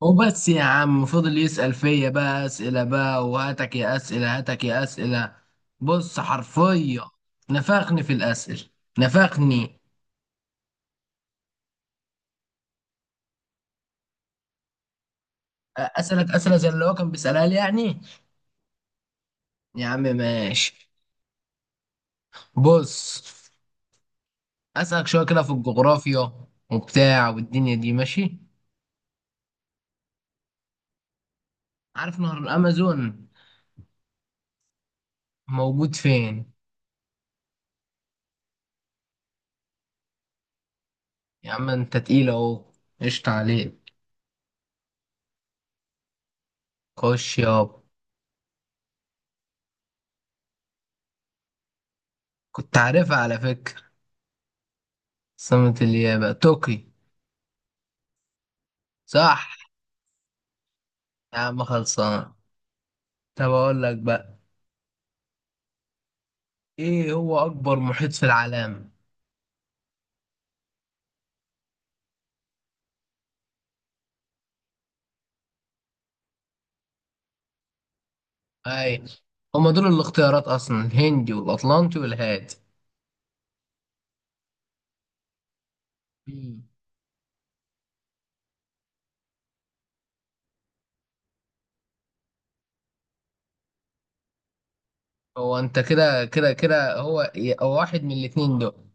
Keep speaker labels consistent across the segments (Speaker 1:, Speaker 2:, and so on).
Speaker 1: وبس يا عم فضل يسأل فيا بقى أسئلة بقى، وهاتك يا أسئلة هاتك يا أسئلة. بص حرفيا، نفخني في الأسئلة، نفخني. أسألك أسئلة زي اللي هو كان بيسألها لي يعني. يا عم ماشي. بص، أسألك شوية كده في الجغرافيا وبتاع والدنيا دي ماشي. عارف نهر الأمازون موجود فين؟ يا عم أنت تقيل أهو. قشطة عليك. خش يابا. كنت عارفها على فكرة. سمة اليابا طوكيو، صح؟ يا عم خلصان. طب اقول لك بقى، ايه هو اكبر محيط في العالم؟ اي، هما دول الاختيارات اصلا، الهندي والاطلنطي والهادي. مم. هو انت كده كده كده هو واحد من الاتنين دول.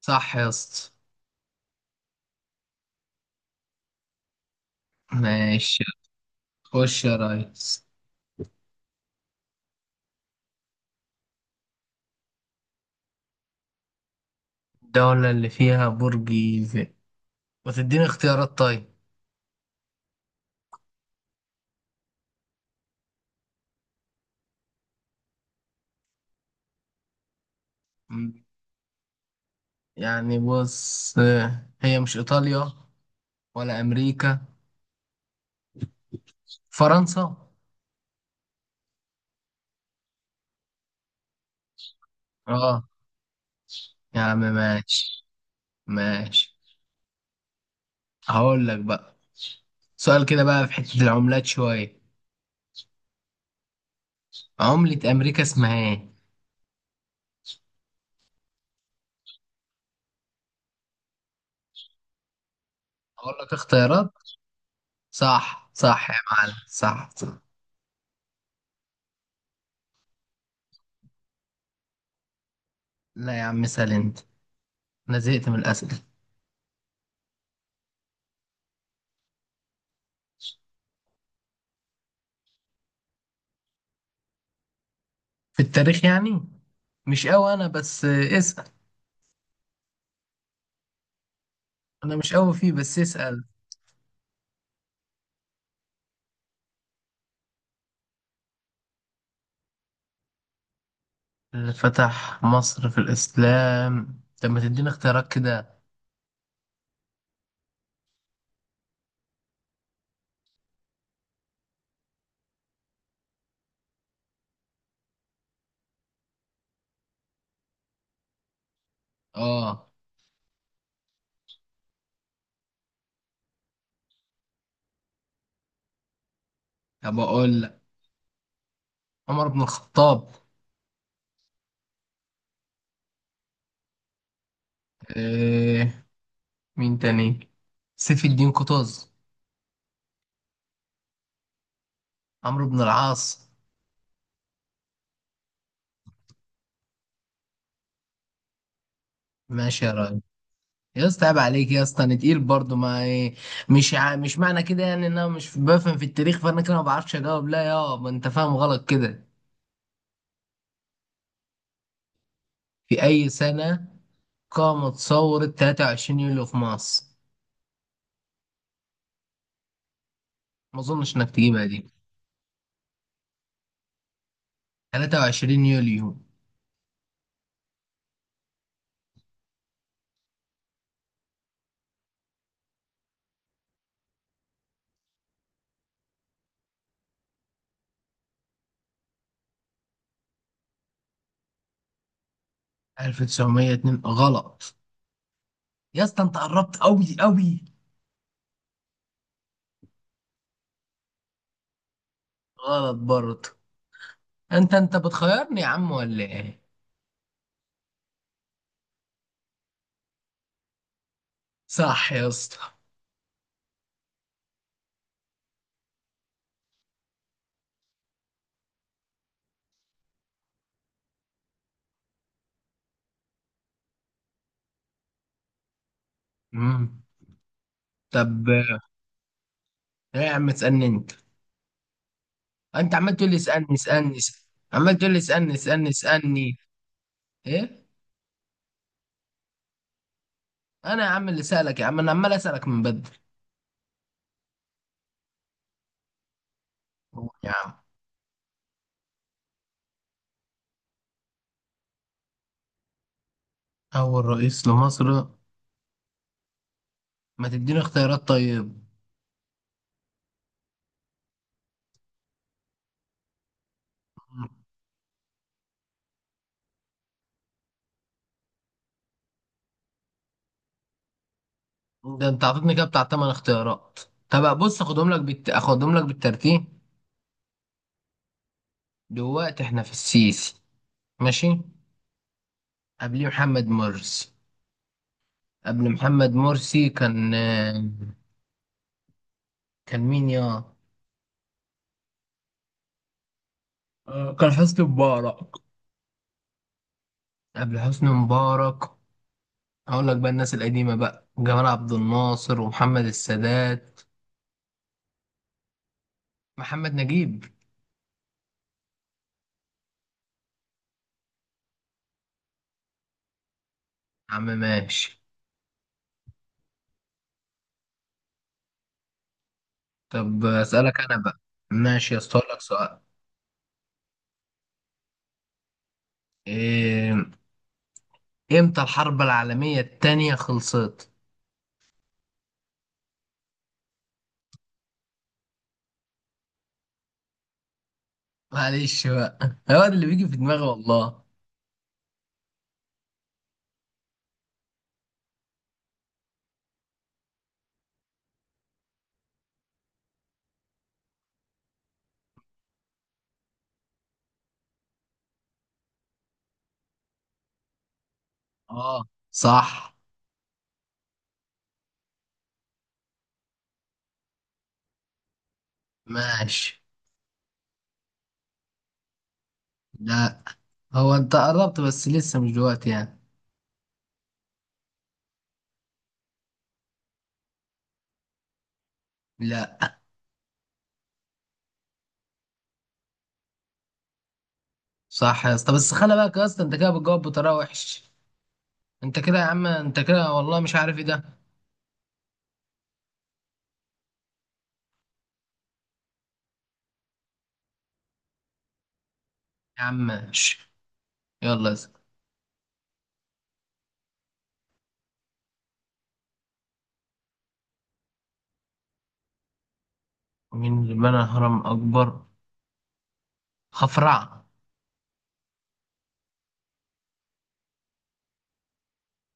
Speaker 1: صح يا اسطى. ماشي. خش يا ريس. الدولة اللي فيها برج ايفل، وتديني اختيارات طيب. مم. يعني بص، هي مش ايطاليا ولا امريكا، فرنسا. اه، يا عم ماشي. ماشي. هقول لك بقى سؤال كده بقى في حتة العملات شوية. عملة أمريكا اسمها إيه؟ هقول لك اختيارات. صح صح يا معلم، صح صح. لا يا عم، اسأل أنت، أنا زهقت من الأسئلة. في التاريخ يعني مش قوي أنا، بس اسأل. أنا مش قوي فيه، بس اسأل. اللي فتح مصر في الإسلام؟ طب ما تديني اختيارات كده. آه، طب أقول لك، عمر بن الخطاب؟ إيه، مين تاني؟ سيف الدين قطز؟ عمرو بن العاص؟ ماشي يا ريس. يا اسطى عيب عليك يا اسطى، انا تقيل برضه، ما إيه، مش معنى كده يعني ان انا مش بفهم في التاريخ، فانا كده ما بعرفش اجاوب، لا، يا ما انت فاهم غلط كده. في اي سنة قامت ثورة 23 يوليو في مصر؟ ما اظنش انك تجيبها دي. 23 يوليو. 1902 غلط. يا اسطى انت قربت قوي قوي. غلط برضه. انت بتخيرني يا عم ولا ايه؟ صح يا اسطى. مم. طب ايه. يا عم تسألني انت. انت عمال تقول لي اسالني اسالني اسألني. عمال تقول لي اسالني اسالني اسالني. ايه؟ انا يا عم اللي سالك، يا عم انا عمال اسالك من بدري. قول يا عم. اول رئيس لمصر. ما تديني اختيارات طيب. ده انت عطيتني كده بتاع تمن اختيارات. طب بص، اخدهم لك بالترتيب. دلوقتي احنا في السيسي. ماشي. قبليه محمد مرسي. قبل محمد مرسي كان مين يا... كان حسني مبارك. قبل حسني مبارك اقول لك بقى الناس القديمه بقى، جمال عبد الناصر ومحمد السادات، محمد نجيب يا عم. ماشي. طب اسالك انا بقى. ماشي اسالك لك سؤال. إيه... امتى الحرب العالميه التانية خلصت؟ معلش بقى هو ده اللي بيجي في دماغي والله. اه، صح. ماشي. لا، هو انت قربت بس لسه مش دلوقتي يعني. لا. صح يا اسطى، بس خلي بالك يا اسطى، انت كده بتجاوب بطريقه وحش. انت كده يا عم، انت كده والله مش عارف ايه ده. يا عم ماشي. يلا اسأل. مين اللي بنى هرم أكبر؟ خفرع؟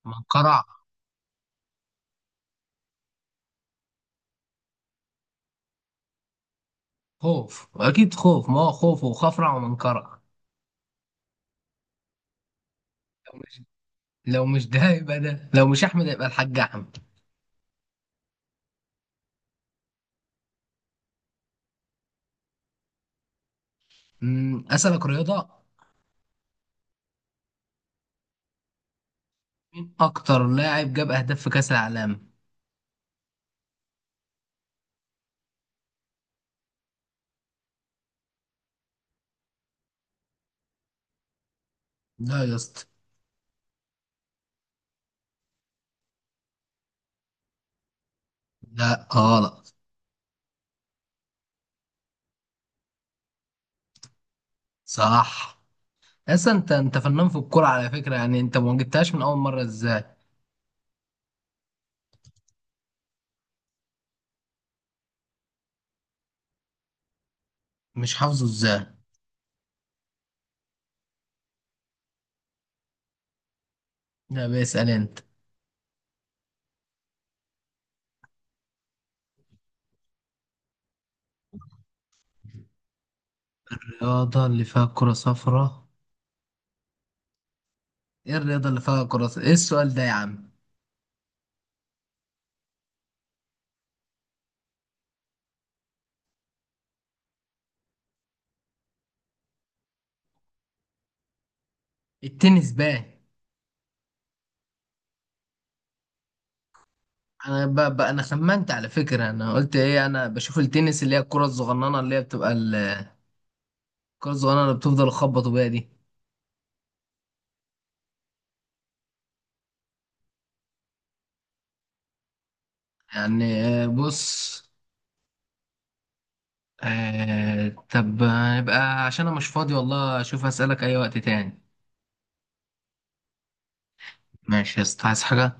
Speaker 1: منقرع؟ خوف أكيد، خوف، ما هو خوف وخفرع ومنقرع. لو مش لو مش ده يبقى ده، لو مش أحمد يبقى الحاج أحمد. أسألك رياضة. مين أكتر لاعب جاب أهداف في كأس العالم؟ لا يا اسطى. لا غلط. صح. أصلا أنت فنان في الكورة على فكرة يعني، أنت ما جبتهاش من أول مرة إزاي؟ مش حافظه إزاي؟ لا، بيسأل أنت. الرياضة اللي فيها كرة صفراء؟ إيه الرياضة اللي فيها كرة صفراء؟ إيه السؤال ده يا عم؟ التنس بقى. انا خمنت على فكره، انا قلت ايه، انا بشوف التنس اللي هي الكره الصغننه اللي هي بتبقى الكره الصغننه اللي بتفضل تخبطوا بيها دي. يعني بص. طب يبقى عشان انا مش فاضي والله، اشوف اسالك اي وقت تاني. ماشي يا اسطى، عايز حاجه؟